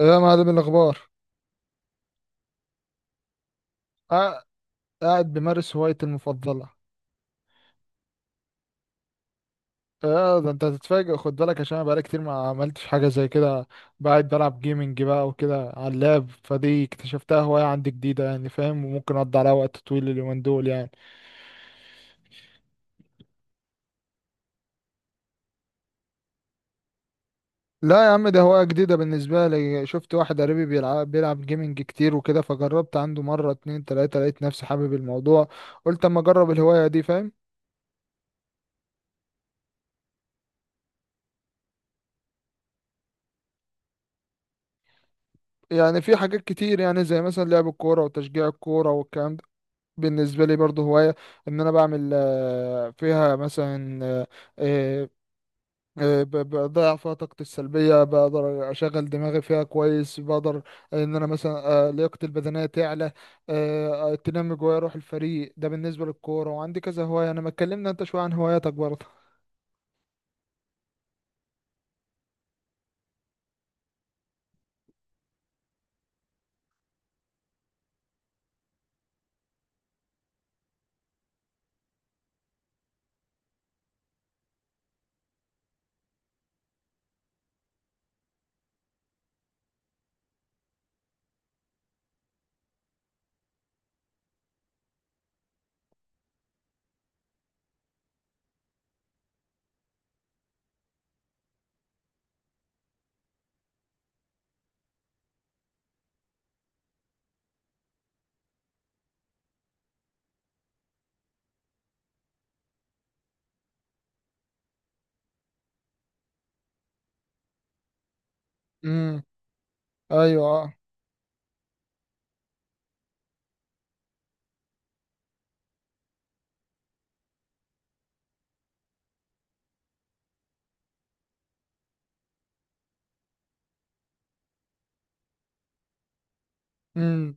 إيه يا معلم الأخبار؟ قاع- قاعد بمارس هوايتي المفضلة. اه، ده انت هتتفاجئ، خد بالك عشان انا بقالي كتير ما عملتش حاجة زي كده. قاعد بلعب جيمنج بقى وكده على اللاب، فدي اكتشفتها هواية عندي جديدة يعني، فاهم؟ وممكن اقضي عليها وقت طويل اليومين دول يعني. لا يا عم، ده هواية جديدة بالنسبة لي. شفت واحد قريبي بيلعب جيمنج كتير وكده، فجربت عنده مرة اتنين تلاتة، لقيت نفسي حابب الموضوع. قلت اما اجرب الهواية دي، فاهم؟ يعني في حاجات كتير، يعني زي مثلا لعب الكورة وتشجيع الكورة والكلام، بالنسبة لي برضو هواية. إن أنا بعمل فيها مثلا، آه، بضيع فيها طاقتي السلبية، بقدر أشغل دماغي فيها كويس، بقدر إن أنا مثلا، لياقتي البدنية تعلى، تنمي جوايا روح الفريق، ده بالنسبة للكورة. وعندي كذا هواية أنا. ما اتكلمنا أنت شوية عن هواياتك برضه؟ امم. أيوه، أه. امم.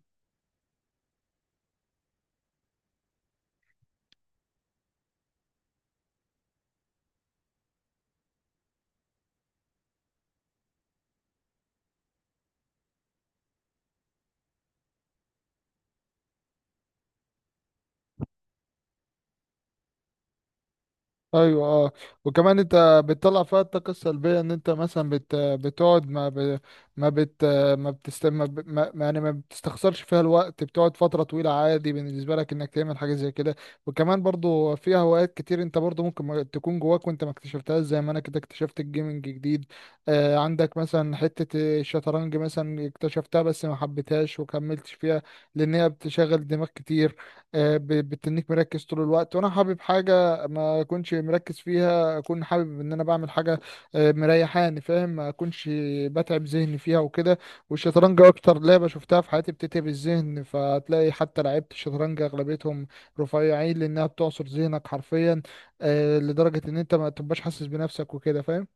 ايوه، اه. وكمان انت بتطلع فيها الطاقه السلبيه، ان انت مثلا بتقعد ما بت يعني ما بتستخسرش فيها الوقت، بتقعد فتره طويله عادي بالنسبه لك انك تعمل حاجه زي كده. وكمان برضو فيها هوايات كتير انت برضو ممكن ما تكون جواك وانت ما اكتشفتهاش، زي ما انا كده اكتشفت الجيمنج جديد. عندك مثلا حته الشطرنج، مثلا اكتشفتها بس ما حبيتهاش وكملتش فيها، لان هي بتشغل دماغ كتير. بتنيك مركز طول الوقت، وانا حابب حاجه ما اكونش مركز فيها، اكون حابب ان انا بعمل حاجه مريحاني، فاهم؟ ما اكونش بتعب ذهني فيها وكده. والشطرنج اكتر لعبه شفتها في حياتي بتتعب الذهن، فتلاقي حتى لعيبه الشطرنج اغلبيتهم رفيعين لانها بتعصر ذهنك حرفيا، لدرجه ان انت ما تبقاش حاسس بنفسك وكده، فاهم؟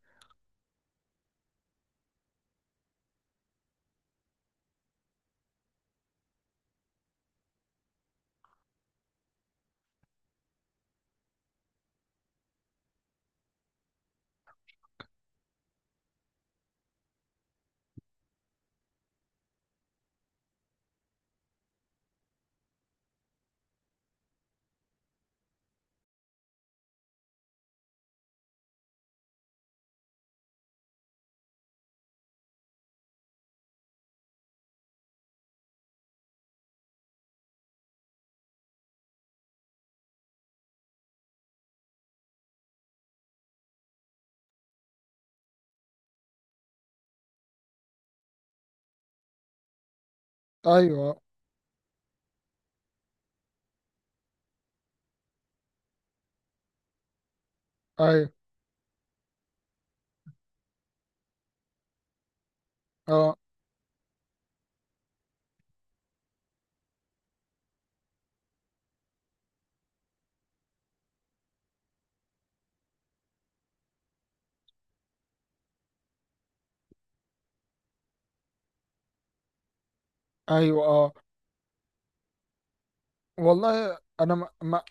ايوه. ايوه، اه. ايوه، اه. والله انا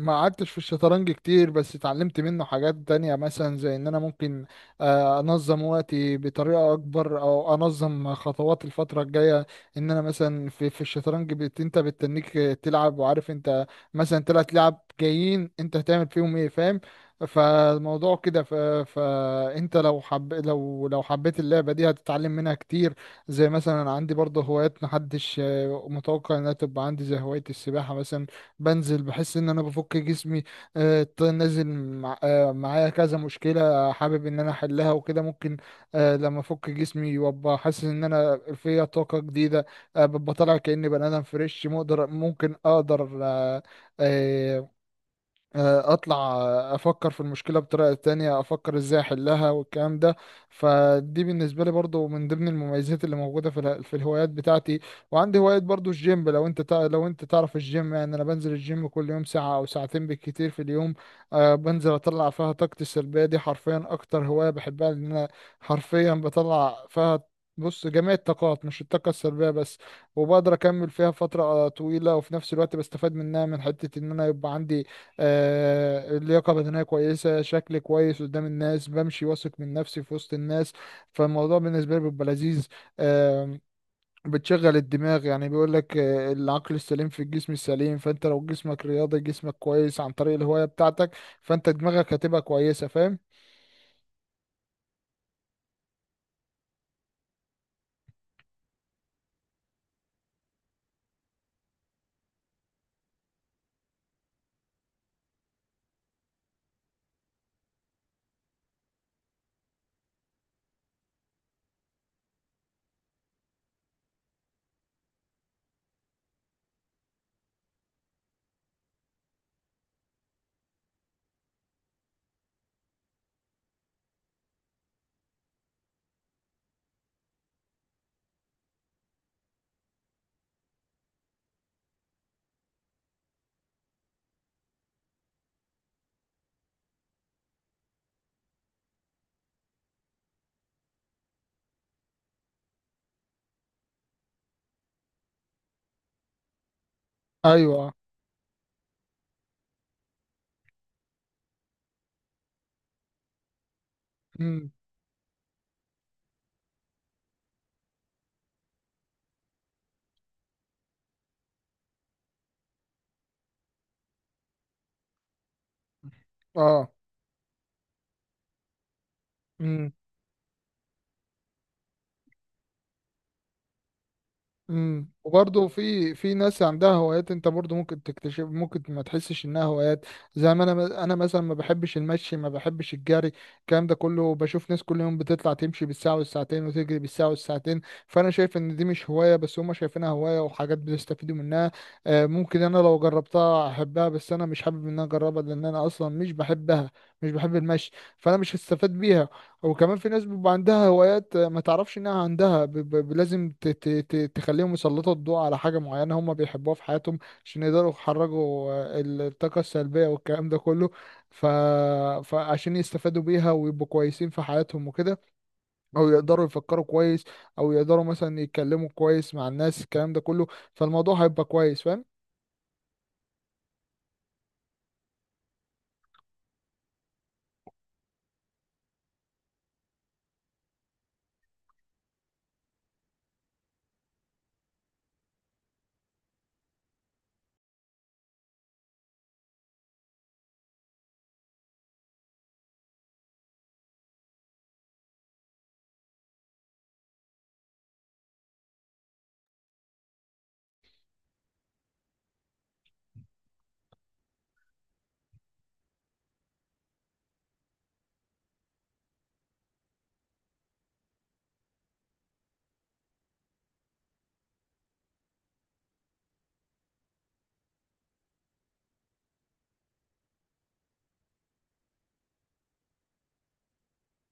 ما قعدتش في الشطرنج كتير، بس اتعلمت منه حاجات تانية، مثلا زي ان انا ممكن انظم وقتي بطريقة اكبر، او انظم خطوات الفترة الجاية. ان انا مثلا في الشطرنج انت بتتنيك تلعب وعارف انت مثلا 3 لعب جايين انت هتعمل فيهم ايه، فاهم؟ فالموضوع كده فانت لو حب لو لو حبيت اللعبة دي هتتعلم منها كتير. زي مثلا عندي برضه هوايات محدش متوقع انها تبقى عندي، زي هواية السباحة مثلا. بنزل بحس ان انا بفك جسمي، نازل، معايا كذا مشكلة حابب ان انا احلها وكده. ممكن لما افك جسمي وابقى حاسس ان انا فيا طاقة جديدة، ببقى طالع كأني بني ادم فريش، مقدر ممكن اقدر آه، اطلع، افكر في المشكله بطريقه تانية، افكر ازاي احلها والكلام ده. فدي بالنسبه لي برضو من ضمن المميزات اللي موجوده في في الهوايات بتاعتي. وعندي هوايه برضو الجيم، لو انت تعرف الجيم يعني، انا بنزل الجيم كل يوم ساعه او ساعتين بالكتير في اليوم. أه بنزل اطلع فيها طاقتي السلبيه دي حرفيا، اكتر هوايه بحبها لان انا حرفيا بطلع فيها، بص، جميع الطاقات مش الطاقة السلبية بس. وبقدر أكمل فيها فترة طويلة، وفي نفس الوقت بستفاد منها من حتة إن أنا يبقى عندي اللياقة بدنية كويسة، شكل كويس قدام الناس، بمشي واثق من نفسي في وسط الناس، فالموضوع بالنسبة لي بيبقى لذيذ. آم، بتشغل الدماغ، يعني بيقول لك العقل السليم في الجسم السليم، فانت لو جسمك رياضي جسمك كويس عن طريق الهواية بتاعتك، فانت دماغك هتبقى كويسة، فاهم؟ ايوه. امم. اه. مم. امم. وبرضه في ناس عندها هوايات انت برضه ممكن تكتشف، ممكن ما تحسش انها هوايات. زي ما انا مثلا ما بحبش المشي، ما بحبش الجري، الكلام ده كله. بشوف ناس كل يوم بتطلع تمشي بالساعة والساعتين، وتجري بالساعة والساعتين. فانا شايف ان دي مش هواية، بس هما شايفينها هواية وحاجات بيستفيدوا منها. ممكن انا لو جربتها احبها، بس انا مش حابب ان انا اجربها، لان انا اصلا مش بحبها، مش بحب المشي، فانا مش هستفاد بيها. وكمان في ناس بيبقى عندها هوايات ما تعرفش انها عندها، لازم تخليهم يسلطوا الضوء على حاجة معينة هم بيحبوها في حياتهم، عشان يقدروا يخرجوا الطاقة السلبية والكلام ده كله، ف... فعشان يستفادوا بيها ويبقوا كويسين في حياتهم وكده، او يقدروا يفكروا كويس، او يقدروا مثلا يتكلموا كويس مع الناس، الكلام ده كله، فالموضوع هيبقى كويس، فاهم؟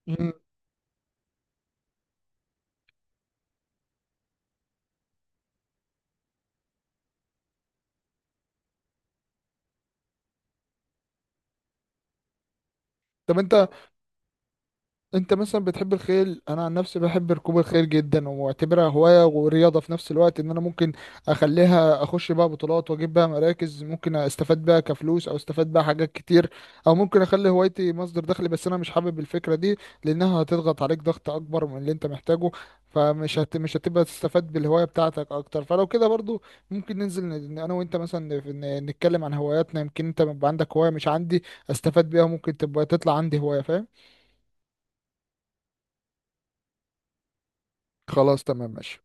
مم. طب انت، انت مثلا بتحب الخيل؟ انا عن نفسي بحب ركوب الخيل جدا، ومعتبرها هواية ورياضة في نفس الوقت. ان انا ممكن اخليها اخش بيها بطولات واجيب بيها مراكز، ممكن استفاد بيها كفلوس او استفاد بيها حاجات كتير. او ممكن اخلي هوايتي مصدر دخل، بس انا مش حابب الفكرة دي لانها هتضغط عليك ضغط اكبر من اللي انت محتاجه، مش هتبقى تستفاد بالهواية بتاعتك اكتر. فلو كده برضو ممكن ننزل انا وانت مثلا نتكلم عن هواياتنا، يمكن انت يبقى عندك هواية مش عندي استفاد بيها، ممكن تبقى تطلع عندي هواية، فاهم؟ خلاص تمام، ماشي.